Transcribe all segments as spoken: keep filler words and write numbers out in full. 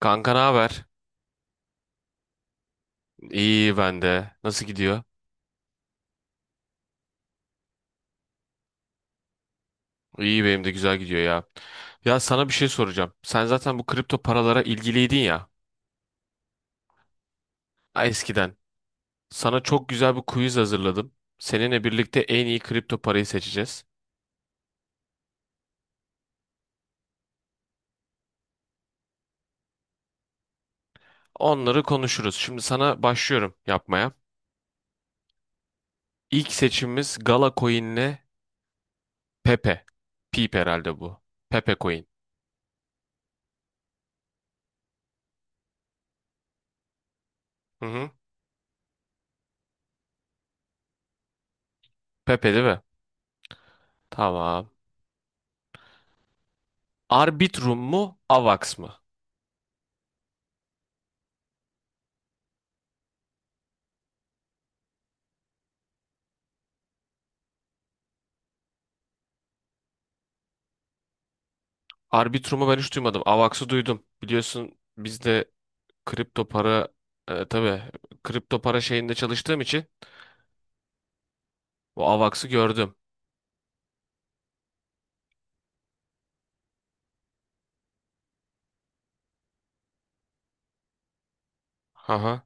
Kanka ne haber? İyi ben de. Nasıl gidiyor? İyi benim de güzel gidiyor ya. Ya sana bir şey soracağım. Sen zaten bu kripto paralara ilgiliydin ya. ha, Eskiden. Sana çok güzel bir quiz hazırladım. Seninle birlikte en iyi kripto parayı seçeceğiz. Onları konuşuruz. Şimdi sana başlıyorum yapmaya. İlk seçimimiz Gala Coin, Pepe. Peep herhalde bu. Pepe Coin. Hı hı. Pepe değil mi? Tamam. Arbitrum mu? Avax mı? Arbitrum'u ben hiç duymadım. Avax'ı duydum. Biliyorsun biz de kripto para, e, tabii kripto para şeyinde çalıştığım için bu Avax'ı gördüm. Haha.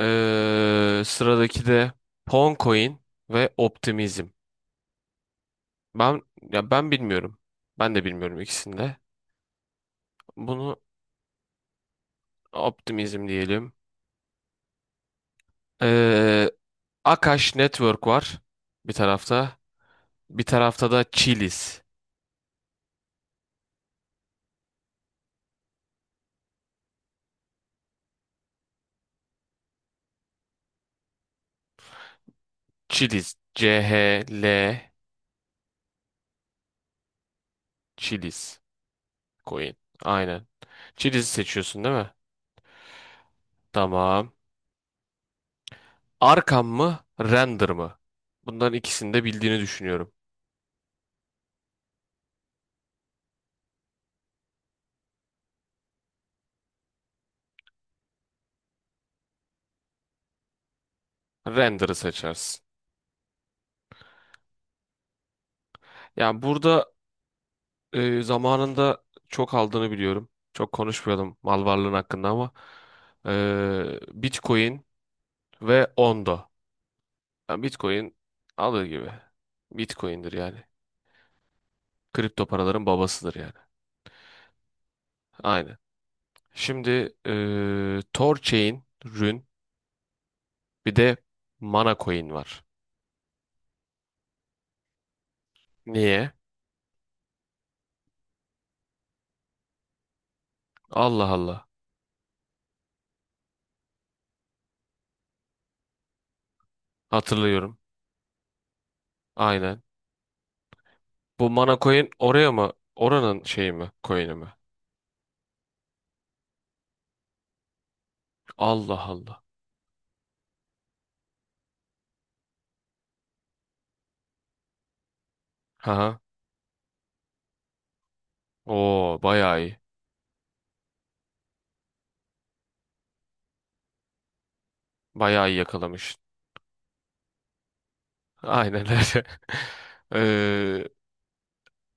Ee, sıradaki de Poncoin ve Optimizm. Ben ya ben bilmiyorum. Ben de bilmiyorum ikisini de. Bunu Optimizm diyelim. Ee, Akash Network var bir tarafta. Bir tarafta da Chilis. Chilis, C-H-L Chilis Coin. Aynen. Chili'si seçiyorsun değil mi? Tamam. Arkan mı? Render mı? Bunların ikisini de bildiğini düşünüyorum. Render'ı seçersin. Yani burada, e, zamanında çok aldığını biliyorum. Çok konuşmayalım mal varlığın hakkında ama e, Bitcoin ve Ondo. Yani Bitcoin alır gibi. Bitcoin'dir yani. Kripto paraların babasıdır yani. Aynen. Şimdi e, Torchain, Rune bir de Mana Coin var. Niye? Allah Allah. Hatırlıyorum. Aynen. Bu mana coin oraya mı? Oranın şeyi mi? Coin'i mi? Allah Allah. Ha. Oo, bayağı iyi. Bayağı iyi yakalamış. Aynen öyle. Ee,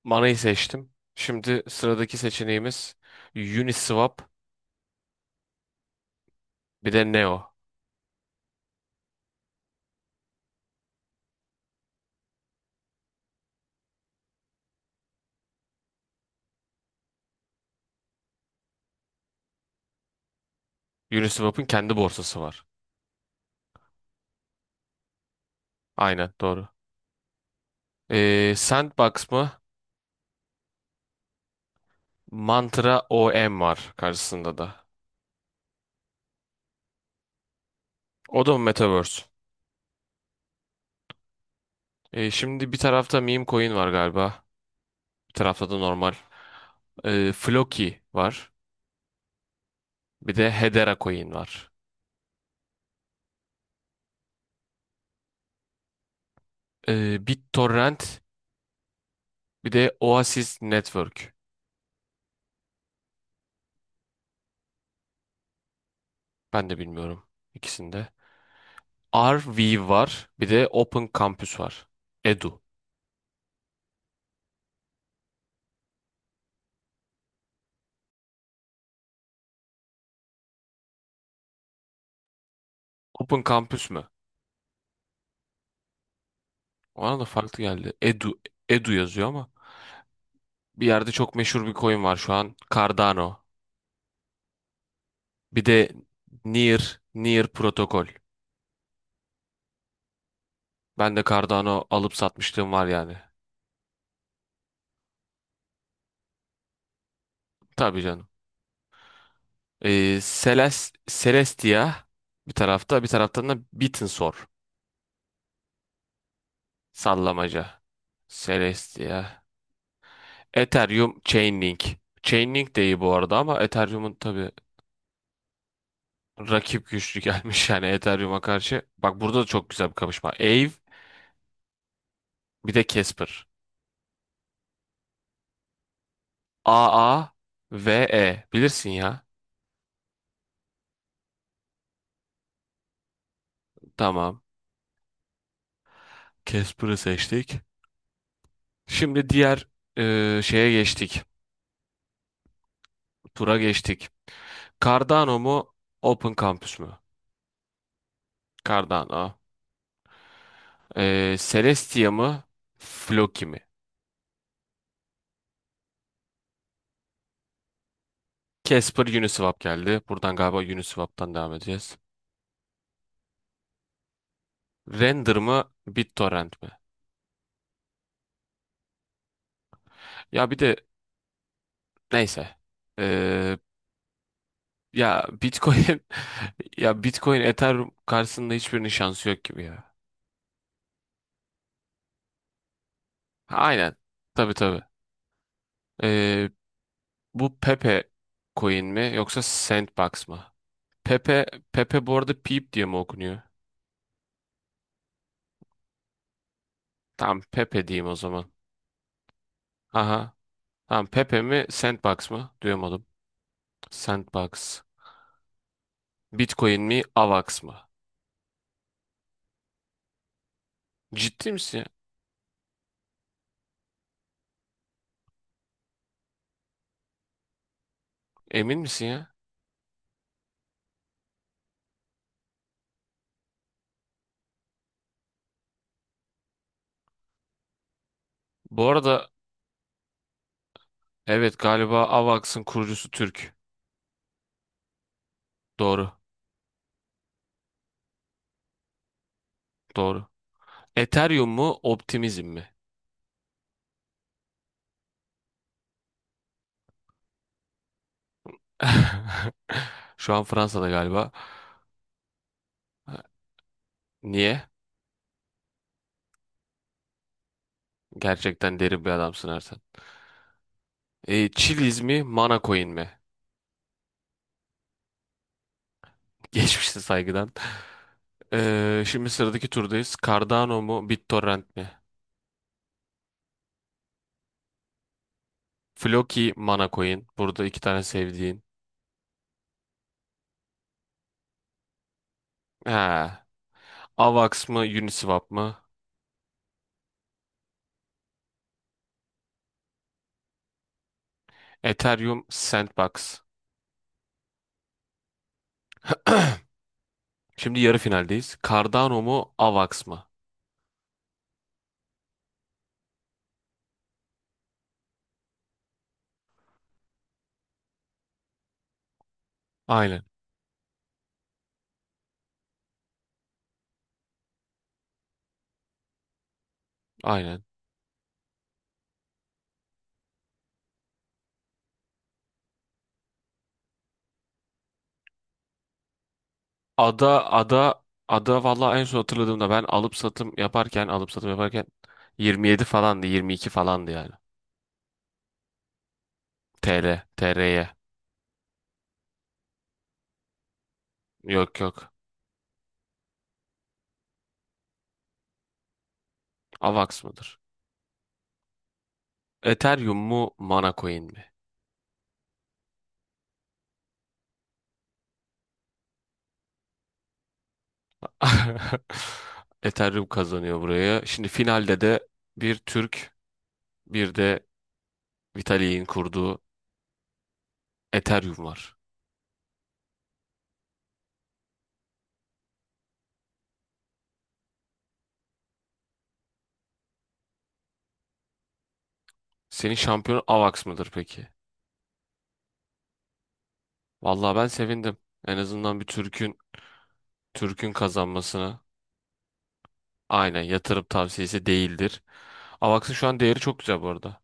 Manayı seçtim. Şimdi sıradaki seçeneğimiz Uniswap, bir de Neo. Uniswap'ın kendi borsası var. Aynen doğru. Ee, Sandbox mı? Mantra O M var karşısında da. O da mı Metaverse? E, şimdi bir tarafta meme coin var galiba. Bir tarafta da normal. E, Floki var. Bir de Hedera coin var. E, BitTorrent bir de Oasis Network. Ben de bilmiyorum ikisinde. Arweave var. Bir de Open Campus var. Edu. Open Campus mü? Ona da farklı geldi. Edu. Edu yazıyor ama. Bir yerde çok meşhur bir coin var şu an. Cardano. Bir de Near. Near Protokol. Ben de Cardano alıp satmışlığım var yani. Tabii canım. Ee, Seles Celestia bir tarafta, bir taraftan da Bittensor sallamaca. Celestia. Ethereum Chainlink. Chainlink de iyi bu arada ama Ethereum'un tabii rakip güçlü gelmiş yani Ethereum'a karşı. Bak burada da çok güzel bir kapışma. Aave bir de Casper. A ve E. Bilirsin ya. Tamam. Casper'ı seçtik. Şimdi diğer e, şeye geçtik. Tura geçtik. Cardano mu? Open Campus mu? Cardano. Ee, Celestia mı? Floki mi? Casper Uniswap geldi. Buradan galiba Uniswap'tan devam edeceğiz. Render mı? BitTorrent mi? Ya bir de neyse. Ee, ya Bitcoin ya Bitcoin Ethereum karşısında hiçbirinin şansı yok gibi ya. Aynen. Tabii tabii. Ee, Bu Pepe coin mi yoksa Sandbox mı? Pepe Pepe bu arada Peep diye mi okunuyor? Tamam Pepe diyeyim o zaman. Aha. Tamam Pepe mi Sandbox mı? Duyamadım. Sandbox. Bitcoin mi, AVAX mı? Ciddi misin ya? Emin misin ya? Bu arada evet galiba AVAX'ın kurucusu Türk. Doğru, doğru. Ethereum mu, Optimizm mi? Şu an Fransa'da galiba. Niye? Gerçekten derin bir adamsın Ertan. E, Chiliz mi, Mana Coin mi? Geçmişte saygıdan. E, şimdi sıradaki turdayız. Cardano mu, BitTorrent mi? Floki, Mana Coin. Burada iki tane sevdiğin. He. AVAX mı, Uniswap mı? Ethereum, Sandbox. Şimdi yarı finaldeyiz. Cardano mu, AVAX mı? Aynen, aynen. Ada, ada, ada vallahi en son hatırladığımda ben alıp satım yaparken, alıp satım yaparken yirmi yedi falandı, yirmi iki falandı yani. T L, T R'ye. Yok yok. AVAX mıdır? Ethereum mu, Mana Coin mi? Ethereum kazanıyor buraya. Şimdi finalde de bir Türk, bir de Vitalik'in kurduğu Ethereum var. Senin şampiyonun Avax mıdır peki? Vallahi ben sevindim. En azından bir Türk'ün Türk'ün kazanmasına, aynen, yatırım tavsiyesi değildir. Avax'ın şu an değeri çok güzel bu arada.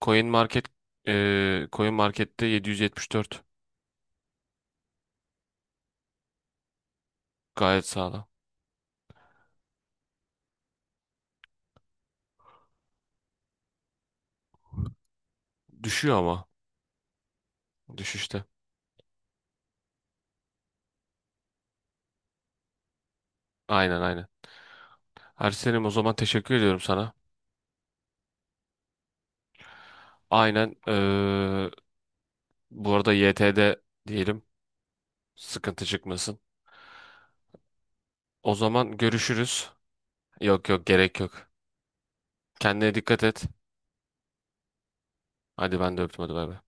Coin Market eee Coin Market'te yedi yüz yetmiş dört. Gayet sağlam. Düşüyor ama düşüşte. Aynen aynen. Ersen'im o zaman teşekkür ediyorum sana. Aynen eee, bu arada Y T'de diyelim sıkıntı çıkmasın. O zaman görüşürüz. Yok yok gerek yok. Kendine dikkat et. Hadi ben de öptüm hadi bay bay.